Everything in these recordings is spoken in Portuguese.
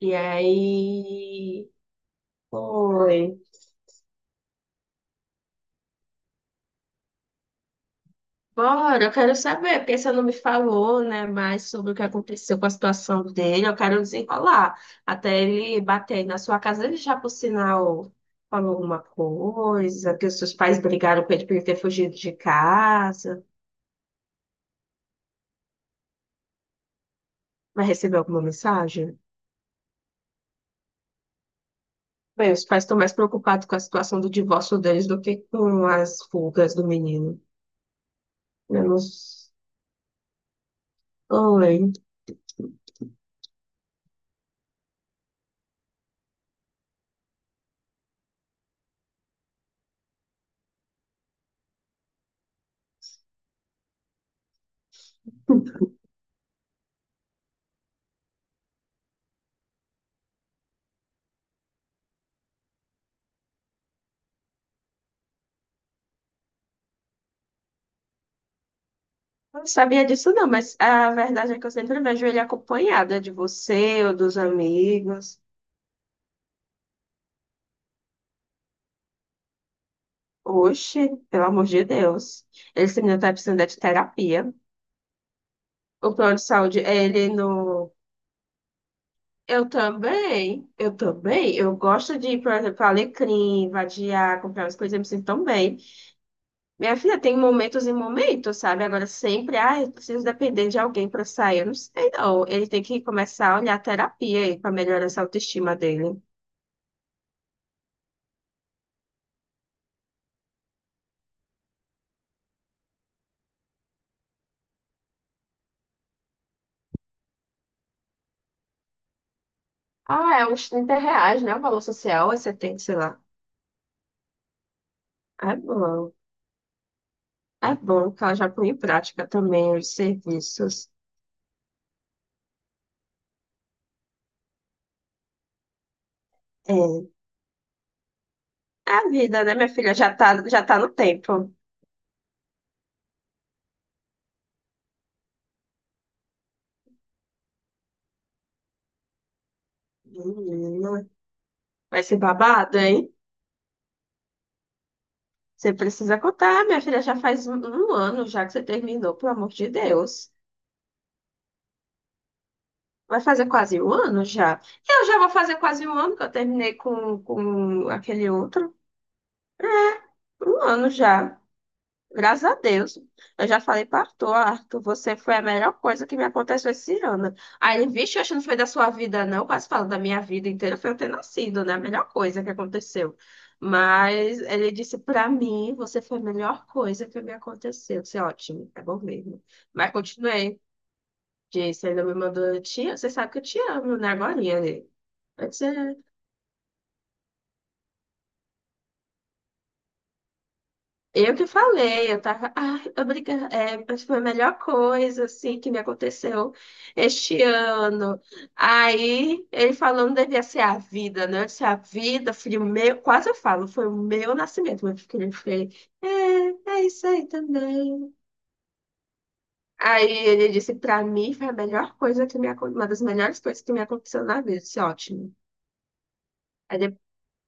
E aí, foi. Bora, eu quero saber, porque você não me falou, né, mais sobre o que aconteceu com a situação dele. Eu quero desenrolar. Até ele bater aí na sua casa, ele já, por sinal, falou alguma coisa, que os seus pais brigaram com ele por ele ter fugido de casa. Vai receber alguma mensagem? Bem, os pais estão mais preocupados com a situação do divórcio deles do que com as fugas do menino. Menos. Oi. Eu não sabia disso não, mas a verdade é que eu sempre vejo ele acompanhada de você ou dos amigos. Oxe, pelo amor de Deus. Esse menino tá precisando de terapia. O plano de saúde, ele não. Eu também, eu também. Eu gosto de ir, por exemplo, Alecrim, vadiar, comprar umas coisas, eu me sinto tão bem. Minha filha, tem momentos e momentos, sabe? Agora sempre, ah, eu preciso depender de alguém para sair. Eu não sei, não. Ele tem que começar a olhar a terapia aí para melhorar essa autoestima dele. Ah, é uns 30 reais, né? O valor social é 70, sei lá. É bom. É bom que ela já põe em prática também os serviços. É. É a vida, né, minha filha? Já tá no tempo. Menina, vai ser babado, hein? Você precisa contar, minha filha. Já faz um ano já que você terminou, pelo amor de Deus. Vai fazer quase um ano já. Eu já vou fazer quase um ano que eu terminei com aquele outro. Um ano já. Graças a Deus. Eu já falei para Arthur, Arthur, você foi a melhor coisa que me aconteceu esse ano. Aí ele, vixe, eu acho que não foi da sua vida, não. Quase falando da minha vida inteira, foi eu ter nascido, né? A melhor coisa que aconteceu. Mas ele disse para mim, você foi a melhor coisa que me aconteceu. Isso é ótimo, é bom mesmo. Mas continuei. Disse, ele me mandou, tia, você sabe que eu te amo, né? Agora, né? Eu que falei, eu tava, ai, obrigada, é, foi a melhor coisa, assim, que me aconteceu este ano. Aí, ele falou, não devia ser a vida, né? Eu disse, a vida, filho meu, quase eu falo, foi o meu nascimento, meu filho, foi, é isso aí também. Aí, ele disse, pra mim, foi a melhor coisa que me aconteceu, uma das melhores coisas que me aconteceu na vida, eu disse, ótimo. Aí, de-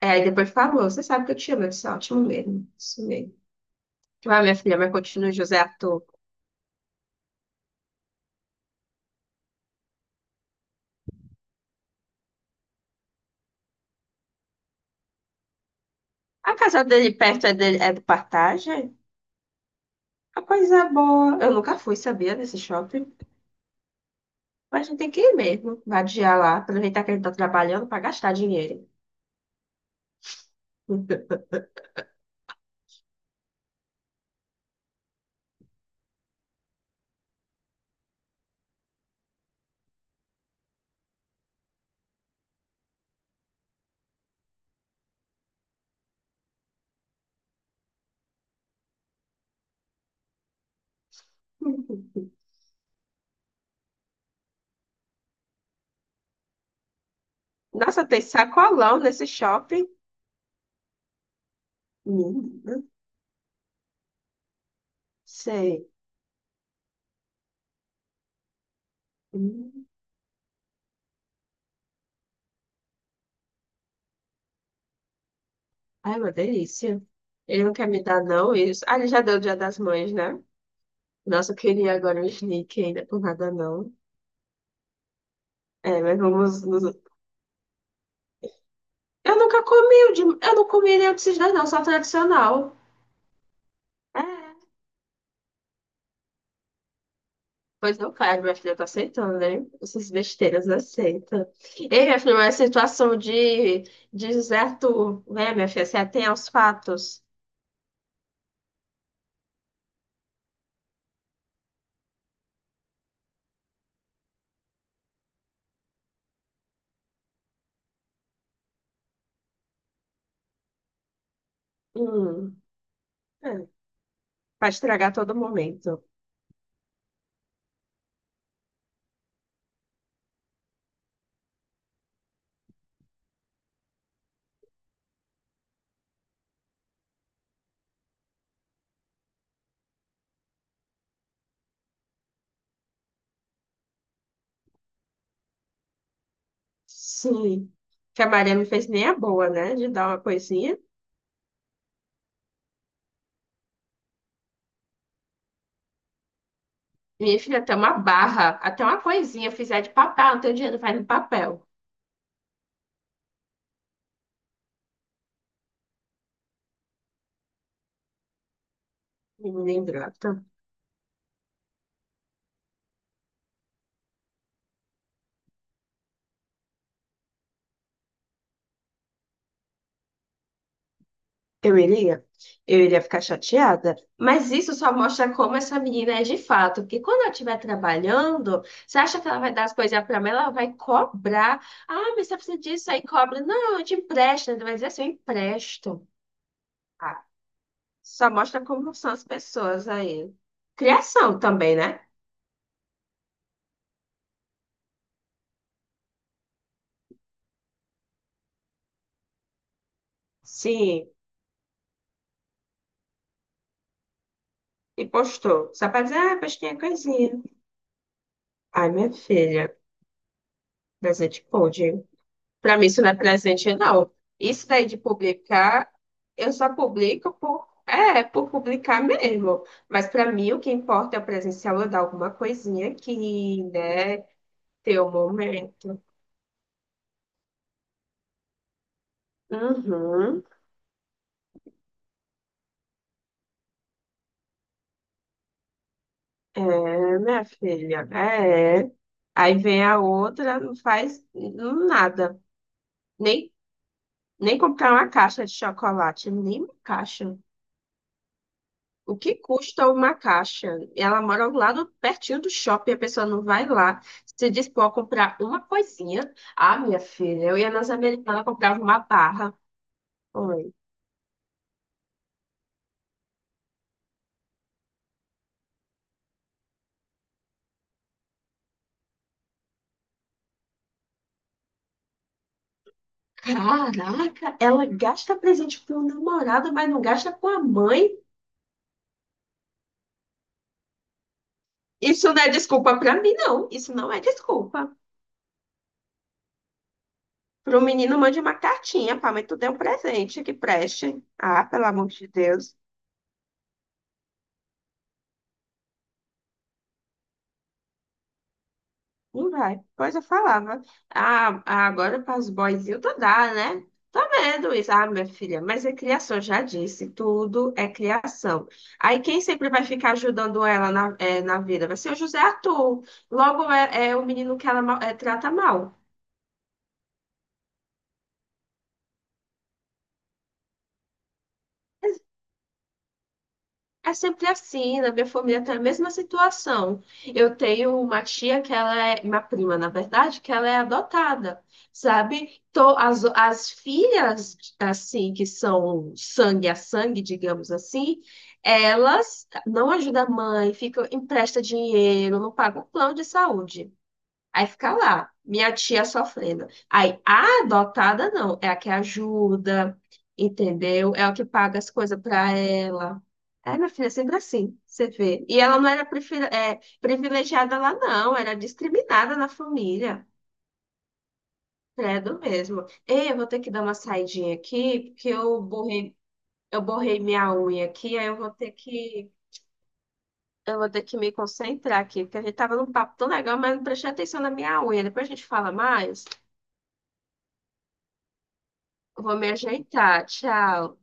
aí depois falou, você sabe que eu te amo, eu disse, "É ótimo mesmo, isso mesmo. Vai, minha filha, mas continua, José, ator. A casa dele perto é, dele, é do Partage? A coisa é boa. Eu nunca fui, sabia, nesse shopping. Mas a gente tem que ir mesmo, vadiar lá, aproveitar que ele tá trabalhando para gastar dinheiro. Nossa, tem sacolão nesse shopping. Menina. Sei. Hum. Ai, uma delícia. Ele não quer me dar, não, isso. Ah, ele já deu o Dia das Mães, né? Nossa, eu queria agora um sneak ainda, por nada não. É, mas vamos. Eu nunca comi o de. Eu não comi nenhum desses dois, não, só tradicional. É. Pois não faz, minha filha tá aceitando, né? Essas besteiras aceita. Ei, minha filha, mas a situação de José Arthur, né, minha filha? Você atém aos fatos. Hum, é, pra estragar todo momento. Sim. Que a Maria não fez nem a boa, né? De dar uma coisinha. Minha filha, até uma barra, até uma coisinha, eu fizer de papel, não tenho dinheiro, faz no papel. Menina ingrata. Eu iria, eu iria ficar chateada. Mas isso só mostra como essa menina é de fato. Porque quando ela estiver trabalhando, você acha que ela vai dar as coisas para mim? Ela vai cobrar. Ah, mas você precisa disso aí, cobra. Não, eu te empresto. Ele vai dizer assim, eu empresto. Ah, só mostra como são as pessoas aí. Criação também, né? Sim, e postou. Só pra dizer, ah, postinha coisinha. Ai, minha filha, presente pôde. Para mim, isso não é presente, não. Isso daí de publicar, eu só publico por publicar mesmo. Mas para mim, o que importa é o presencial, eu dar alguma coisinha aqui, né? Ter o momento. Uhum. É, minha filha, é. Aí vem a outra, não faz nada. Nem, nem comprar uma caixa de chocolate, nem uma caixa. O que custa uma caixa? Ela mora lá no, pertinho do shopping, a pessoa não vai lá, se dispor a comprar uma coisinha. Ah, minha filha, eu ia nas americanas, comprava uma barra. Oi. Caraca, ela gasta presente pro namorado, mas não gasta com a mãe. Isso não é desculpa pra mim, não. Isso não é desculpa. Pro menino, mande uma cartinha, pá, mas tu deu um presente que preste. Ah, pelo amor de Deus. Não vai. Pois eu falava. Ah, agora para os boyzinhos tu dá, né? Tá vendo isso? Ah, minha filha, mas é criação, já disse. Tudo é criação. Aí quem sempre vai ficar ajudando ela na vida vai ser o José Arthur. Logo é o menino que ela trata mal. É sempre assim, na minha família tem a mesma situação. Eu tenho uma tia que ela é, uma prima, na verdade, que ela é adotada, sabe? Então, as filhas, assim, que são sangue a sangue, digamos assim, elas não ajudam a mãe, ficam, empresta dinheiro, não pagam plano de saúde. Aí fica lá, minha tia sofrendo. Aí a adotada não, é a que ajuda, entendeu? É a que paga as coisas pra ela. É, minha filha, é sempre assim, você vê. E ela não era privilegiada lá, não, era discriminada na família. Credo mesmo. Ei, eu vou ter que dar uma saidinha aqui, porque eu borrei minha unha aqui, aí eu vou ter que me concentrar aqui, porque a gente tava num papo tão legal, mas não prestei atenção na minha unha. Depois a gente fala mais. Vou me ajeitar. Tchau.